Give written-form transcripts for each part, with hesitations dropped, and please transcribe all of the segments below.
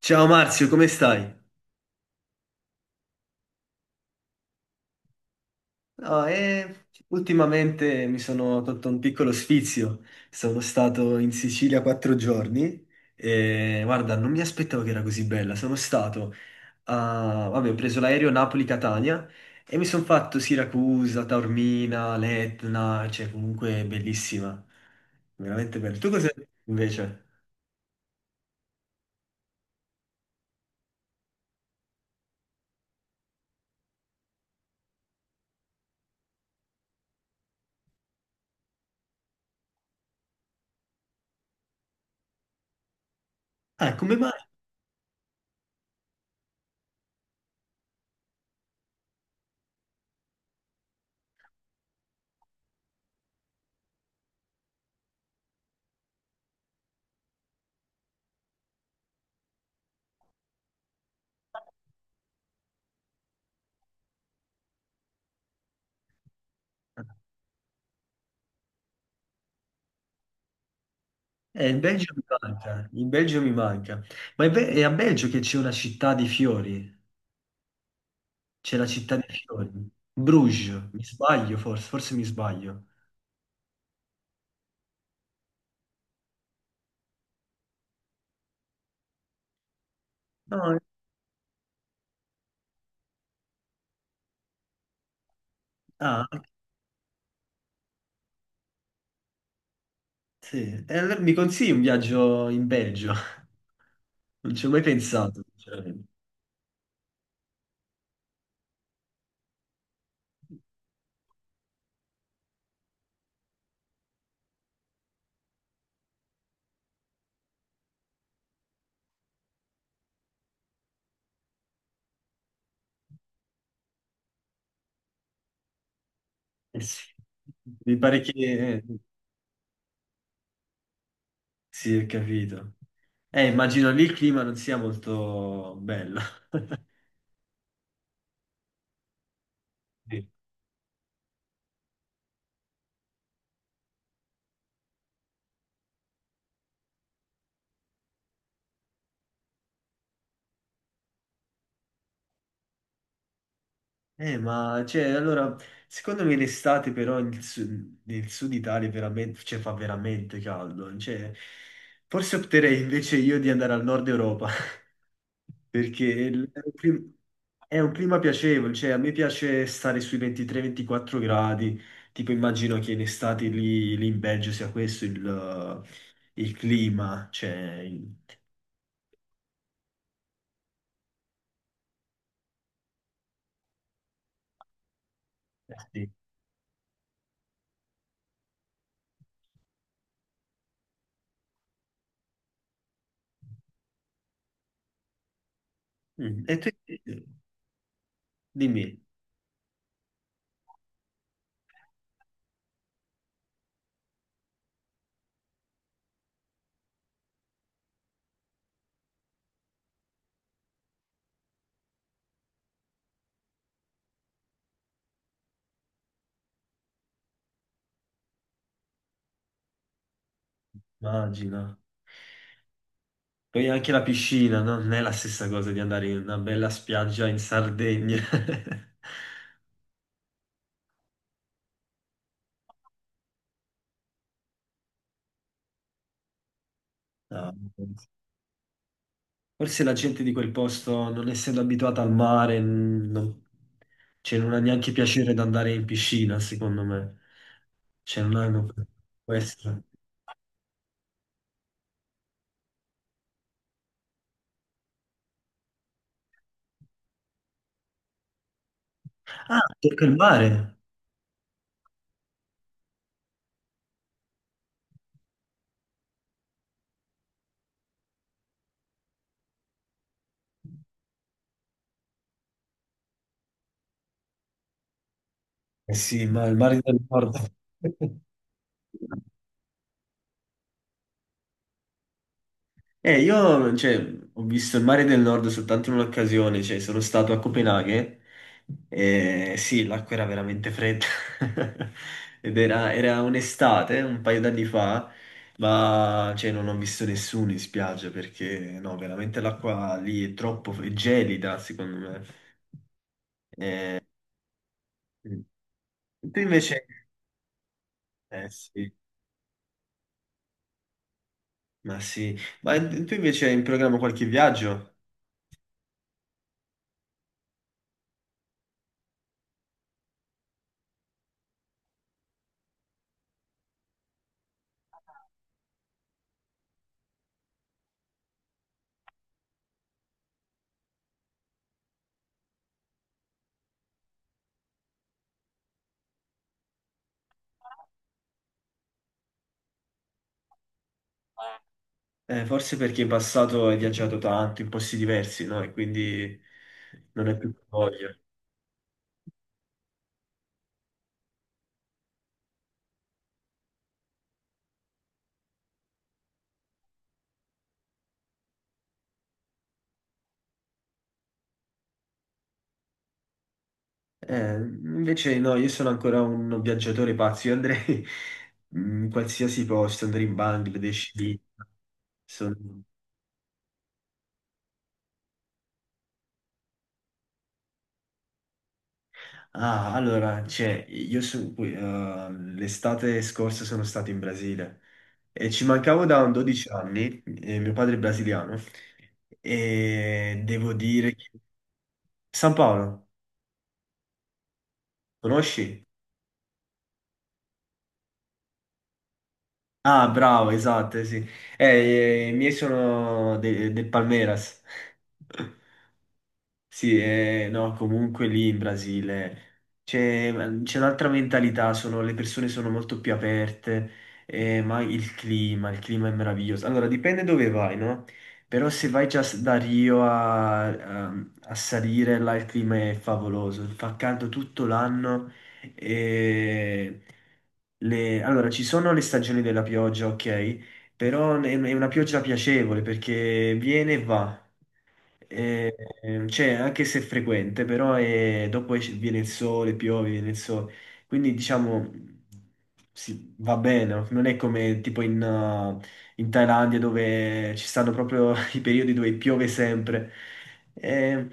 Ciao Marzio, come stai? No, ultimamente mi sono tolto un piccolo sfizio. Sono stato in Sicilia quattro giorni e guarda, non mi aspettavo che era così bella. Sono stato a... vabbè, ho preso l'aereo Napoli-Catania e mi sono fatto Siracusa, Taormina, l'Etna, cioè comunque bellissima. Veramente bella. Tu cosa invece? Ah, come mai? Il Belgio mi manca, il Belgio mi manca. Ma è, è a Belgio che c'è una città di fiori. C'è la città dei fiori. Bruges, mi sbaglio forse, forse mi sbaglio. No, ah, sì. E allora mi consigli un viaggio in Belgio? Non ci ho mai pensato, sinceramente. Eh sì. Mi pare che... sì, ho capito. Immagino lì il clima non sia molto bello. Sì. Ma cioè, allora, secondo me l'estate però nel sud Italia è veramente, cioè, fa veramente caldo. Cioè, forse opterei invece io di andare al nord Europa, perché è un è un clima piacevole, cioè a me piace stare sui 23-24 gradi, tipo immagino che in estate lì in Belgio sia questo il clima, cioè... il- sì. Mm. E tu dimmi, immagina. Poi anche la piscina, no? Non è la stessa cosa di andare in una bella spiaggia in Sardegna. No. Forse la gente di quel posto, non essendo abituata al mare, non, cioè, non ha neanche piacere di andare in piscina, secondo me. Cioè, non hanno questo. Ah, tocca il mare. Eh sì, ma il mare del nord. Io, cioè, ho visto il mare del Nord soltanto in un'occasione, cioè, sono stato a Copenaghen e sì, l'acqua era veramente fredda. Ed era, era un'estate, un paio d'anni fa, ma, cioè, non ho visto nessuno in spiaggia perché, no, veramente l'acqua lì è troppo è gelida, secondo me. Eh, tu invece... Eh sì. Ma tu invece hai in programma qualche viaggio? Forse perché in passato hai viaggiato tanto in posti diversi, no? E quindi non è più voglia. Invece no, io sono ancora un viaggiatore pazzo, io andrei in qualsiasi posto, andrei in Bangladesh, lì. Sono- Ah, allora, cioè, qui, l'estate scorsa sono stato in Brasile e ci mancavo da un 12 anni, e mio padre è brasiliano, e devo dire che... San Paolo, conosci? Ah, bravo, esatto, eh sì. Eh, i miei sono del Palmeiras. Sì, no, comunque lì in Brasile c'è c'è un'altra mentalità, sono- le persone sono molto più aperte, ma il clima è meraviglioso. Allora, dipende dove vai, no? Però se vai già da Rio a, a salire, là il clima è favoloso, fa caldo tutto l'anno. E allora, ci sono le stagioni della pioggia, ok? Però è una pioggia piacevole perché viene e va. E, cioè, anche se è frequente, però dopo viene il sole, piove, viene il sole. Quindi diciamo, sì, va bene, no? Non è come tipo in, in Thailandia dove ci stanno proprio i periodi dove piove sempre. Ehm,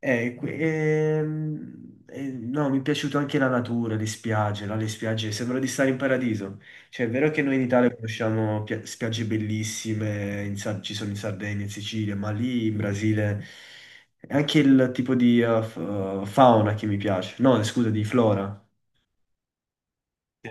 no, mi è piaciuta anche la natura, le spiagge, là, le spiagge, sembra di stare in paradiso. Cioè, è vero che noi in Italia conosciamo spiagge bellissime, in ci sono in Sardegna, in Sicilia, ma lì in Brasile è anche il tipo di fauna che mi piace. No, scusa, di flora. Sì.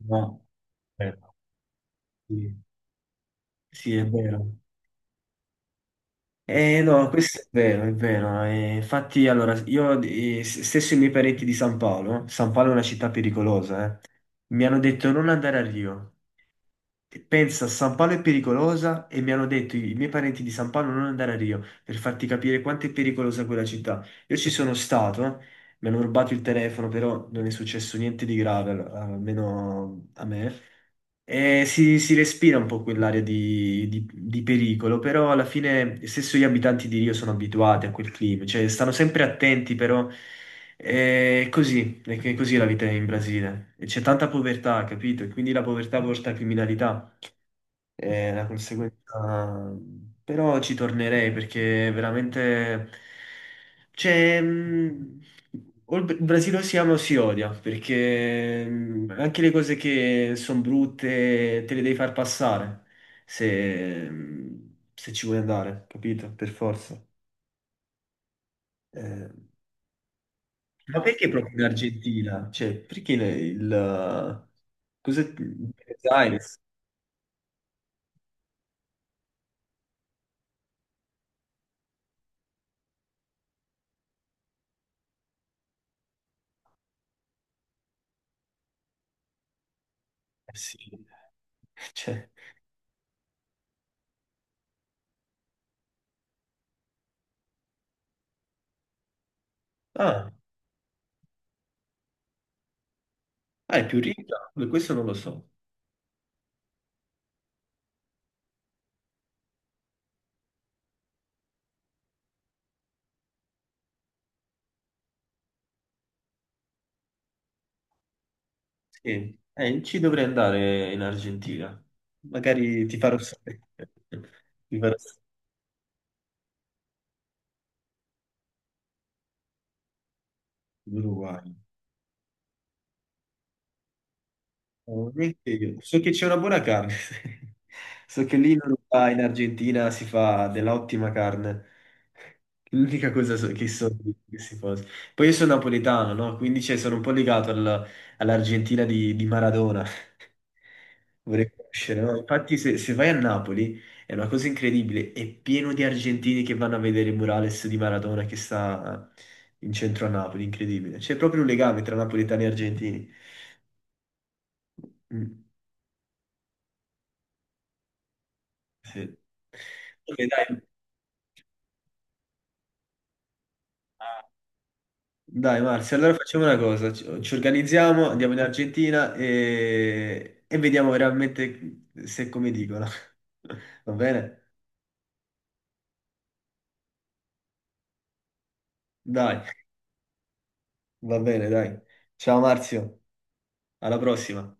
No, eh, sì, Sì, è vero. Eh no, questo è vero, è vero. Infatti, allora, io stesso i miei parenti di San Paolo, San Paolo è una città pericolosa, mi hanno detto non andare a Rio. Pensa, San Paolo è pericolosa e mi hanno detto i miei parenti di San Paolo non andare a Rio per farti capire quanto è pericolosa quella città. Io ci sono stato, mi hanno rubato il telefono, però non è successo niente di grave, almeno a me. E si respira un po' quell'area di, di pericolo, però alla fine stesso gli abitanti di Rio sono abituati a quel clima, cioè stanno sempre attenti, però è così, è così la vita in Brasile. E c'è tanta povertà, capito? E quindi la povertà porta a criminalità è la conseguenza. Però ci tornerei perché veramente c'è o il Brasile o si ama o si odia, perché anche le cose che sono brutte te le devi far passare se, se ci vuoi andare, capito? Per forza. Eh, ma perché proprio in Argentina? Cioè, perché il cos'è? Buenos Aires? Eh sì. Cioè, ah. Ah, è più ricca? Beh, questo non lo so. Sì. Ci dovrei andare in Argentina. Magari ti farò sapere. Ti farò sapere l'Uruguay. Veramente io. So che c'è una buona carne. So che lì in Uruguay, in Argentina si fa dell'ottima carne. L'unica cosa che so di queste cose. Poi io sono napoletano, no? Quindi cioè, sono un po' legato all'Argentina di Maradona. Vorrei conoscere, no? Infatti, se, se vai a Napoli è una cosa incredibile. È pieno di argentini che vanno a vedere il murales di Maradona che sta in centro a Napoli. Incredibile. C'è proprio un legame tra napoletani e argentini. Mm. Sì. Ok, dai. Dai Marzia, allora facciamo una cosa, ci, ci organizziamo, andiamo in Argentina e vediamo veramente se è come dicono. Va bene? Dai, va bene, dai. Ciao Marzio, alla prossima.